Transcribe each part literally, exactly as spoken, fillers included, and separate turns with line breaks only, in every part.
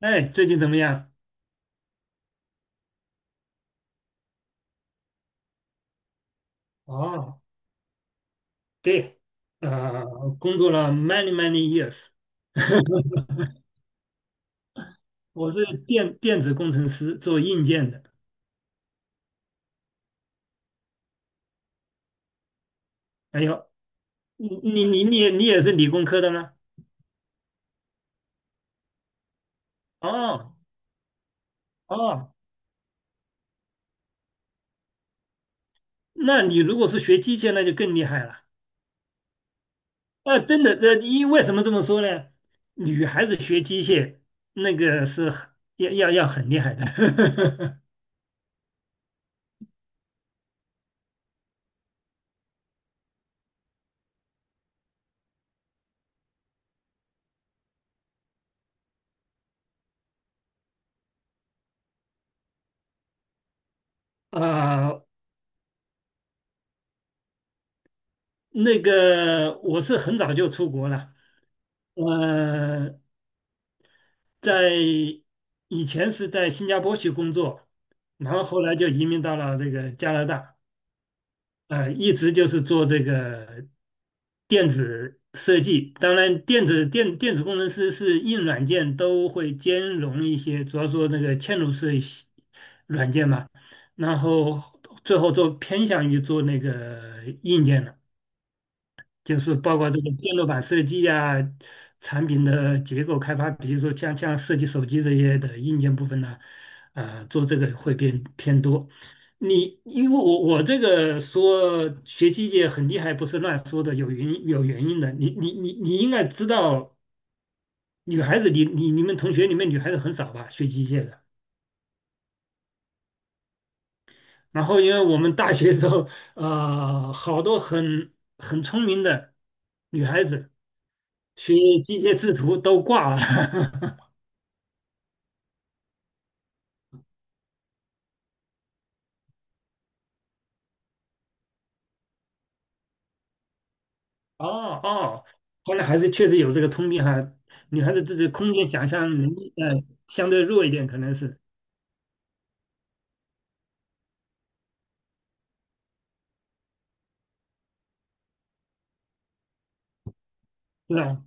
哎，最近怎么样？哦，对，呃，工作了 many many years，我是电电子工程师，做硬件的。哎呦，你你你你也你也是理工科的吗？哦哦，那你如果是学机械，那就更厉害了。啊，真的，呃，因为什么这么说呢？女孩子学机械那个是很要要要很厉害的。啊、那个我是很早就出国了，呃，在以前是在新加坡去工作，然后后来就移民到了这个加拿大，呃，一直就是做这个电子设计。当然，电子电电子工程师是硬软件都会兼容一些，主要说那个嵌入式系软件嘛，然后最后做偏向于做那个硬件了。就是包括这个电路板设计呀、产品的结构开发，比如说像像设计手机这些的硬件部分呢，呃，做这个会变偏多。你因为我我这个说学机械很厉害，不是乱说的，有原因有原因的。你你你你应该知道，女孩子你你你们同学里面女孩子很少吧，学机械的。然后因为我们大学时候，呃，好多很很聪明的女孩子。学机械制图都挂了。哦哦，后来还是确实有这个通病哈，女孩子这个空间想象能力呃相对弱一点，可能是是吧？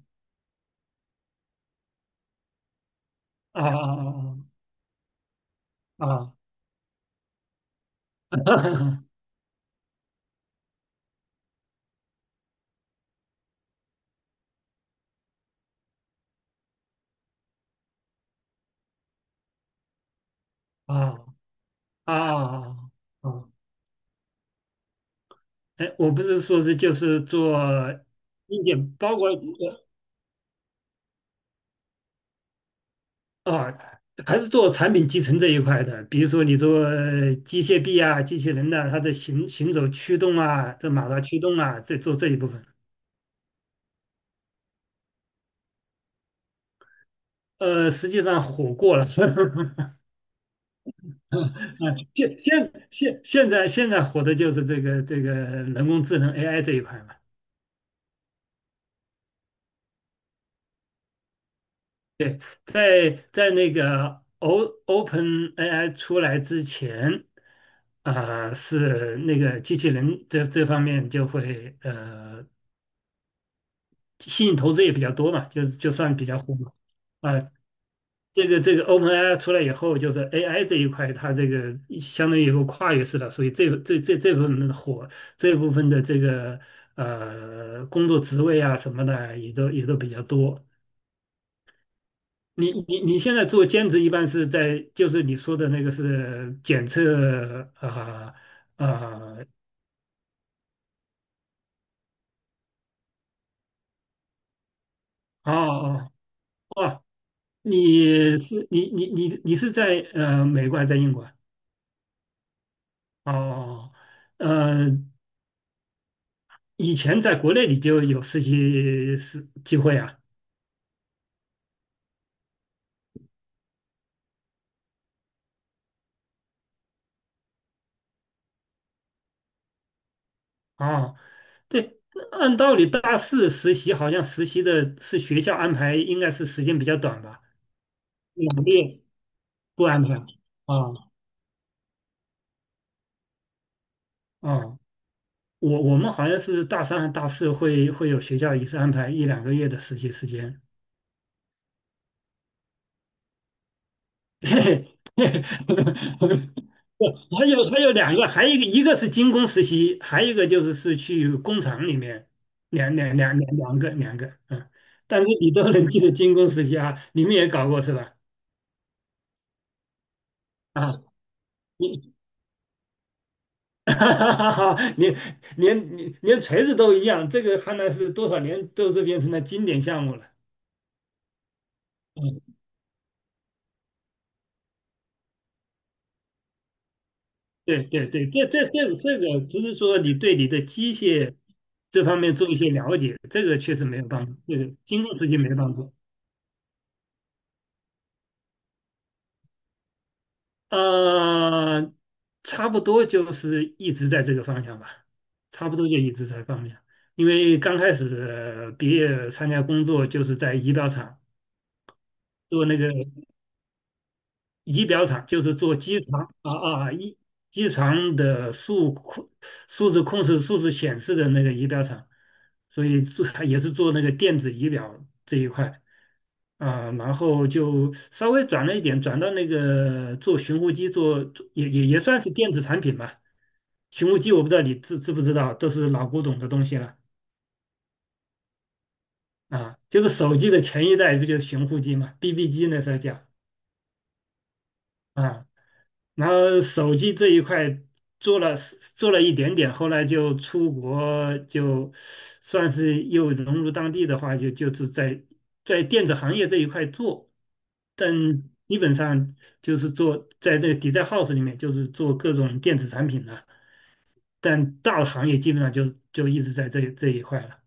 啊啊啊啊啊啊啊！啊！啊啊啊哎，我不是说是就是做硬件，包括呃啊，还是做产品集成这一块的，比如说你做呃机械臂啊、机器人的、它的行行走驱动啊、这马达驱动啊，这做这一部分。呃，实际上火过了，啊现现现现在现在火的就是这个这个人工智能 A I 这一块嘛。对，在在那个 O Open A I 出来之前，啊、是那个机器人这这方面就会呃吸引投资也比较多嘛，就就算比较火嘛。啊、这个这个 Open A I 出来以后，就是 A I 这一块，它这个相当于一个跨越式的，所以这这这这部分的火，这部分的这个呃工作职位啊什么的，也都也都比较多。你你你现在做兼职，一般是在就是你说的那个是检测啊啊呃呃哦哦哦，你是你你你你是在呃美国还是在英国啊哦。哦哦呃，以前在国内你就有实习实机会啊？啊，对，那按道理大四实习好像实习的是学校安排，应该是时间比较短吧？两个月不安排啊啊，我我们好像是大三和大四会会有学校一次安排一两个月的实习时间 对，对 不还有还有两个，还有一个一个是精工实习，还有一个就是是去工厂里面，两两两两两个两个，嗯，但是你都能记得精工实习啊，你们也搞过是吧？啊，你 哈哈哈 连连连锤子都一样，这个看来是多少年都是变成了经典项目了。嗯对对对，这这这这个只是说你对你的机械这方面做一些了解，这个确实没有帮助，这个经过实际没帮助。呃，差不多就是一直在这个方向吧，差不多就一直在方向。因为刚开始毕业参加工作就是在仪表厂做那个。仪表厂就是做机床啊啊一机床的数控数字控制、数字显示的那个仪表厂，所以做也是做那个电子仪表这一块啊，然后就稍微转了一点，转到那个做寻呼机做，做也也也算是电子产品吧。寻呼机我不知道你知知不知道，都是老古董的东西了啊，就是手机的前一代不就是寻呼机嘛，B B 机那时候叫啊。然后手机这一块做了做了一点点，后来就出国，就算是又融入当地的话，就就是在在电子行业这一块做，但基本上就是做在这个 d e house 里面，就是做各种电子产品了，但大的行业基本上就就一直在这这一块了。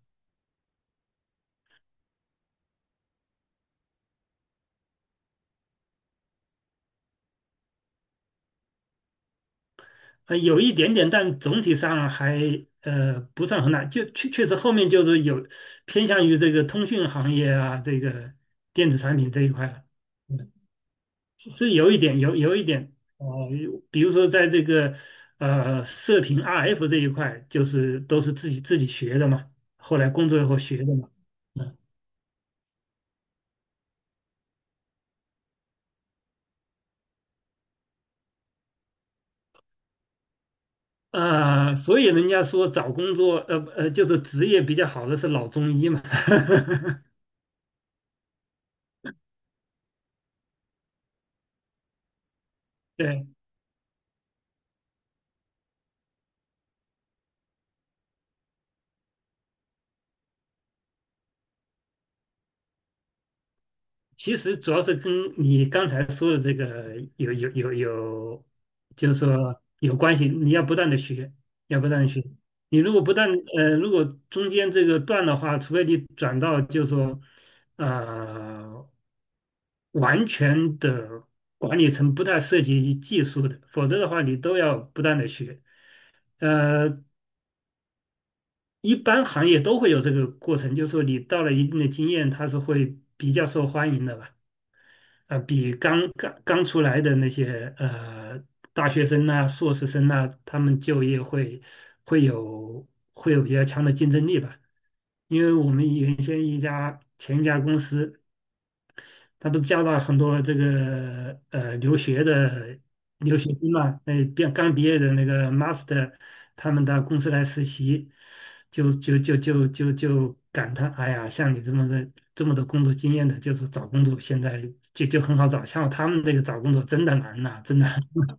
呃，有一点点，但总体上还呃不算很大。就确确实后面就是有偏向于这个通讯行业啊，这个电子产品这一块了。嗯，是是有一点，有有一点，呃，比如说在这个呃射频 R F 这一块，就是都是自己自己学的嘛，后来工作以后学的嘛。嗯，呃，所以人家说找工作，呃呃，就是职业比较好的是老中医嘛。对其实主要是跟你刚才说的这个有有有有，就是说有关系。你要不断的学，要不断的学。你如果不断呃，如果中间这个断的话，除非你转到就是说，呃，完全的管理层不太涉及技术的，否则的话你都要不断的学。呃，一般行业都会有这个过程，就是说你到了一定的经验，它是会比较受欢迎的吧。呃，比刚刚刚出来的那些呃大学生呐、硕士生呐、他们就业会会有会有比较强的竞争力吧。因为我们原先一家前一家公司，他都加了很多这个呃留学的留学生嘛，那毕刚毕业的那个 master，他们到公司来实习，就就就就就就感叹，哎呀，像你这么的这么多工作经验的，就是找工作现在就就很好找，像他们那个找工作真的难呐、真的。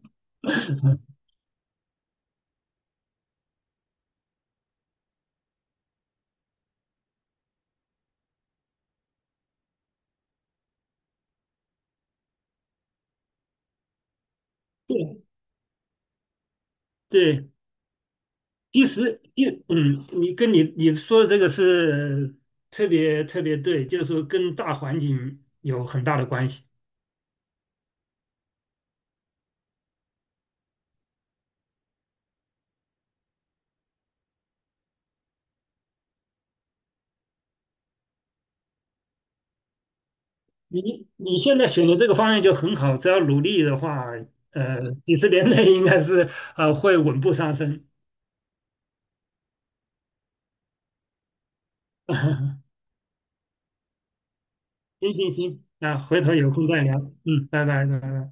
对对，其实一嗯，你跟你你说的这个是特别特别对，就是说跟大环境有很大的关系。你你现在选的这个方向就很好，只要努力的话，呃，几十年内应该是呃会稳步上升。行行行，那回头有空再聊。嗯，拜拜拜拜。